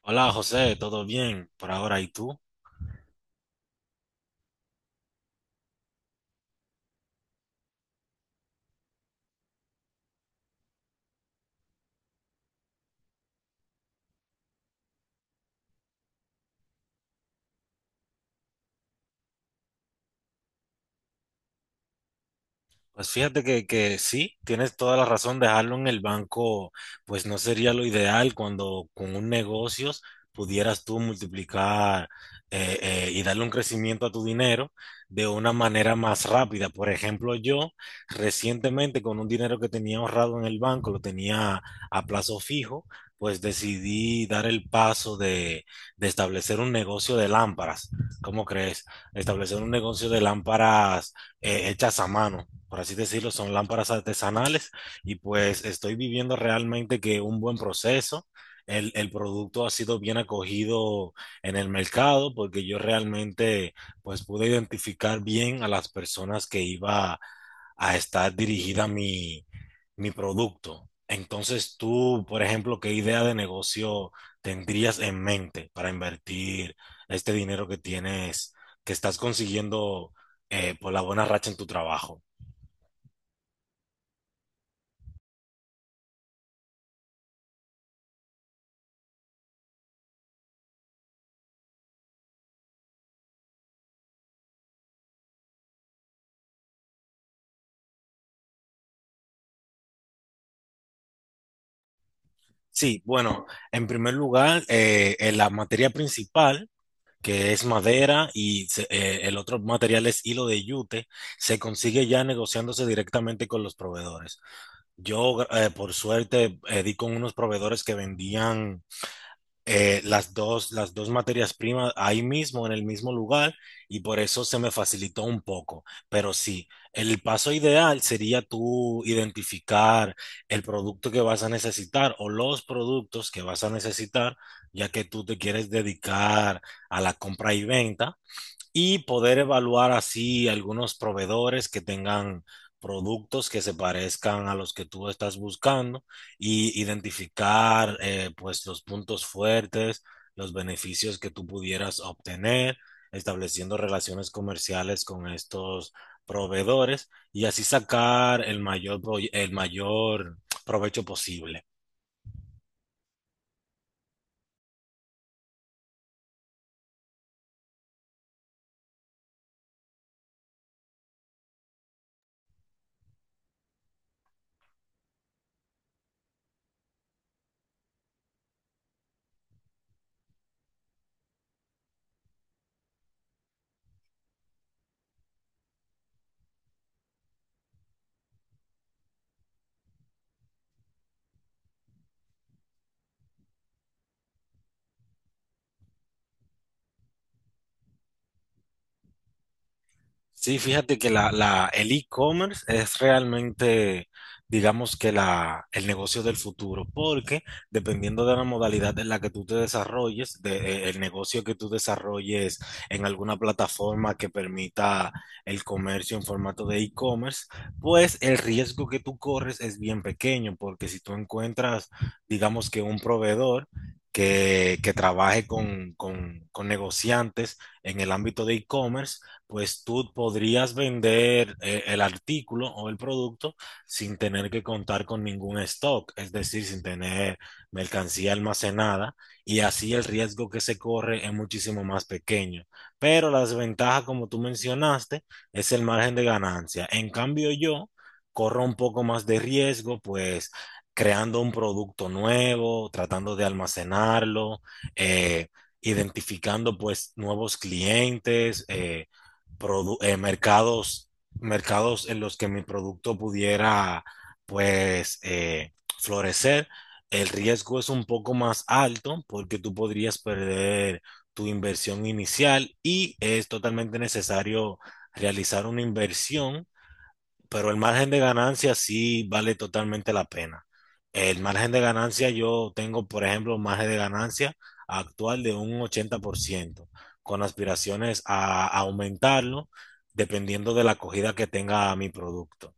Hola José, ¿todo bien por ahora? ¿Y tú? Pues fíjate que sí, tienes toda la razón, dejarlo en el banco, pues no sería lo ideal cuando con un negocio pudieras tú multiplicar, y darle un crecimiento a tu dinero de una manera más rápida. Por ejemplo, yo recientemente con un dinero que tenía ahorrado en el banco, lo tenía a plazo fijo, pues decidí dar el paso de establecer un negocio de lámparas. ¿Cómo crees? Establecer un negocio de lámparas hechas a mano, por así decirlo, son lámparas artesanales y pues estoy viviendo realmente que un buen proceso. El producto ha sido bien acogido en el mercado porque yo realmente pues pude identificar bien a las personas que iba a estar dirigida mi producto. Entonces tú, por ejemplo, ¿qué idea de negocio tendrías en mente para invertir este dinero que tienes, que estás consiguiendo? Por la buena racha en tu trabajo. Sí, bueno, en primer lugar, la materia principal, que es madera, y el otro material es hilo de yute, se consigue ya negociándose directamente con los proveedores. Yo, por suerte, di con unos proveedores que vendían, las dos materias primas ahí mismo, en el mismo lugar, y por eso se me facilitó un poco. Pero sí, el paso ideal sería tú identificar el producto que vas a necesitar o los productos que vas a necesitar, ya que tú te quieres dedicar a la compra y venta y poder evaluar así algunos proveedores que tengan productos que se parezcan a los que tú estás buscando y identificar, pues los puntos fuertes, los beneficios que tú pudieras obtener, estableciendo relaciones comerciales con estos proveedores y así sacar el mayor, el mayor provecho posible. Sí, fíjate que el e-commerce es realmente, digamos que el negocio del futuro, porque dependiendo de la modalidad en la que tú te desarrolles, de, el negocio que tú desarrolles en alguna plataforma que permita el comercio en formato de e-commerce, pues el riesgo que tú corres es bien pequeño, porque si tú encuentras, digamos que un proveedor que trabaje con, con negociantes en el ámbito de e-commerce, pues tú podrías vender, el artículo o el producto sin tener que contar con ningún stock, es decir, sin tener mercancía almacenada y así el riesgo que se corre es muchísimo más pequeño. Pero la desventaja, como tú mencionaste, es el margen de ganancia. En cambio, yo corro un poco más de riesgo, pues creando un producto nuevo, tratando de almacenarlo, eh, identificando pues nuevos clientes, mercados, mercados en los que mi producto pudiera pues, florecer, el riesgo es un poco más alto porque tú podrías perder tu inversión inicial y es totalmente necesario realizar una inversión, pero el margen de ganancia sí vale totalmente la pena. El margen de ganancia, yo tengo, por ejemplo, un margen de ganancia actual de un 80%, con aspiraciones a aumentarlo dependiendo de la acogida que tenga mi producto.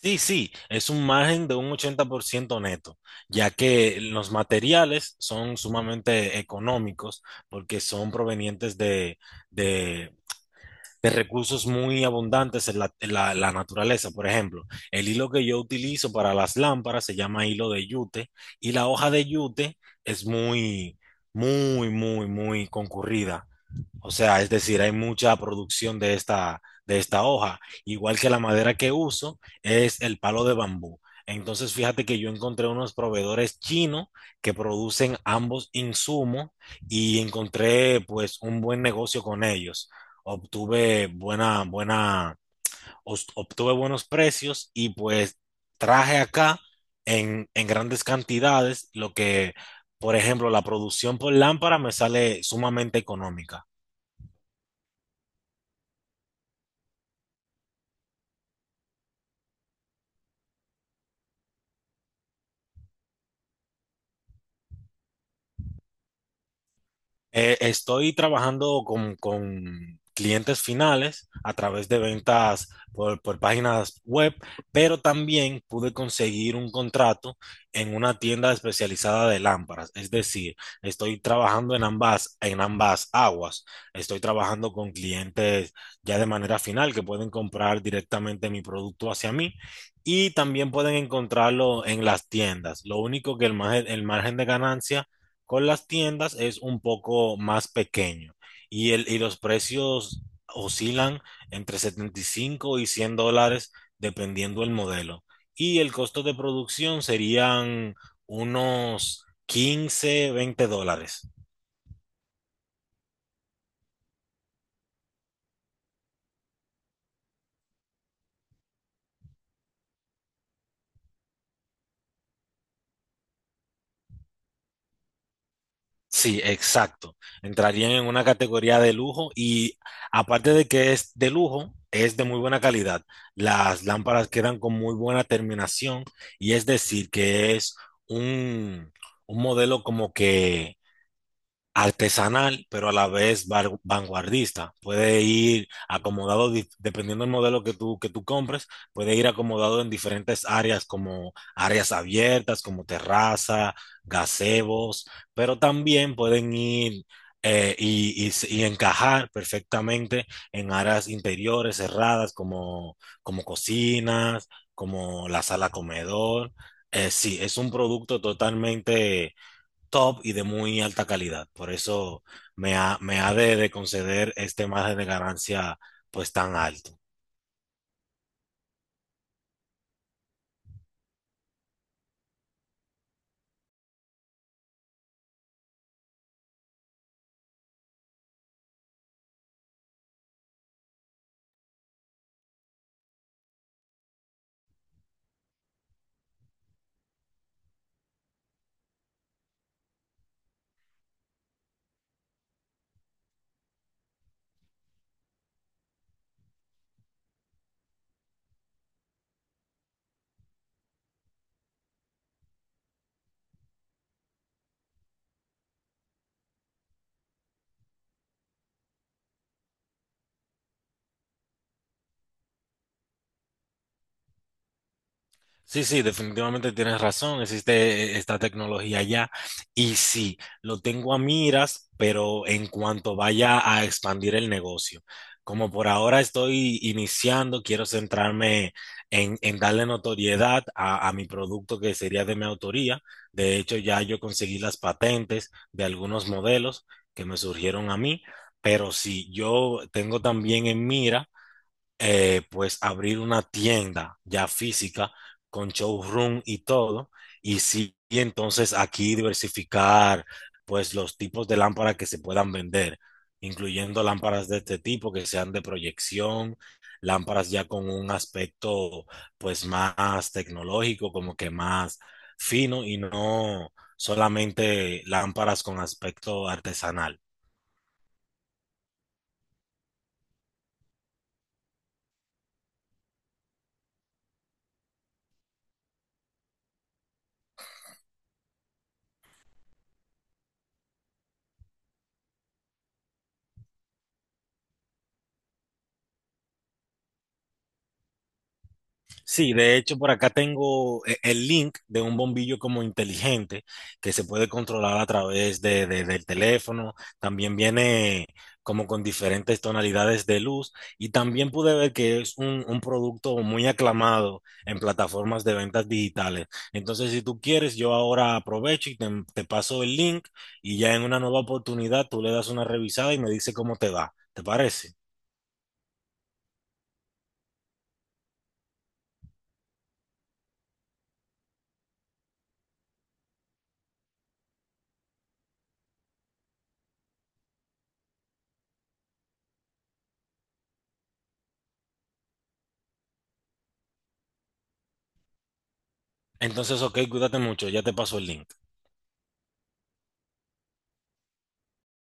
Sí, sí, es un margen de un 80% neto, ya que los materiales son sumamente económicos porque son provenientes de de recursos muy abundantes en la naturaleza. Por ejemplo, el hilo que yo utilizo para las lámparas se llama hilo de yute y la hoja de yute es muy, muy concurrida, o sea, es decir, hay mucha producción de de esta hoja. Igual que la madera que uso es el palo de bambú. Entonces, fíjate que yo encontré unos proveedores chinos que producen ambos insumos y encontré pues un buen negocio con ellos. Obtuve obtuve buenos precios y pues traje acá en grandes cantidades lo que, por ejemplo, la producción por lámpara me sale sumamente económica. Estoy trabajando con clientes finales a través de ventas por páginas web, pero también pude conseguir un contrato en una tienda especializada de lámparas. Es decir, estoy trabajando en ambas aguas. Estoy trabajando con clientes ya de manera final que pueden comprar directamente mi producto hacia mí y también pueden encontrarlo en las tiendas. Lo único que el margen de ganancia con las tiendas es un poco más pequeño y, y los precios oscilan entre 75 y $100 dependiendo el modelo. Y el costo de producción serían unos 15, $20. Sí, exacto. Entrarían en una categoría de lujo y aparte de que es de lujo, es de muy buena calidad. Las lámparas quedan con muy buena terminación y es decir que es un, un modelo como que artesanal, pero a la vez vanguardista. Puede ir acomodado, dependiendo del modelo que tú compres, puede ir acomodado en diferentes áreas como áreas abiertas, como terraza, gazebos, pero también pueden ir, y encajar perfectamente en áreas interiores cerradas como, como cocinas, como la sala comedor. Sí, es un producto totalmente top y de muy alta calidad. Por eso me ha de conceder este margen de ganancia pues tan alto. Sí, sí, definitivamente tienes razón. Existe, esta tecnología ya. Y sí, lo tengo a miras, pero en cuanto vaya a expandir el negocio. Como por ahora estoy iniciando, quiero centrarme en darle notoriedad a mi producto que sería de mi autoría. De hecho, ya yo conseguí las patentes de algunos modelos que me surgieron a mí, pero sí, yo tengo también en mira, pues abrir una tienda ya física con showroom y todo, y sí, y entonces aquí diversificar pues los tipos de lámparas que se puedan vender, incluyendo lámparas de este tipo que sean de proyección, lámparas ya con un aspecto pues más tecnológico, como que más fino y no solamente lámparas con aspecto artesanal. Sí, de hecho por acá tengo el link de un bombillo como inteligente que se puede controlar a través de, del teléfono. También viene como con diferentes tonalidades de luz y también pude ver que es un producto muy aclamado en plataformas de ventas digitales. Entonces, si tú quieres, yo ahora aprovecho te paso el link y ya en una nueva oportunidad tú le das una revisada y me dice cómo te va. ¿Te parece? Entonces, ok, cuídate mucho, ya te paso el link.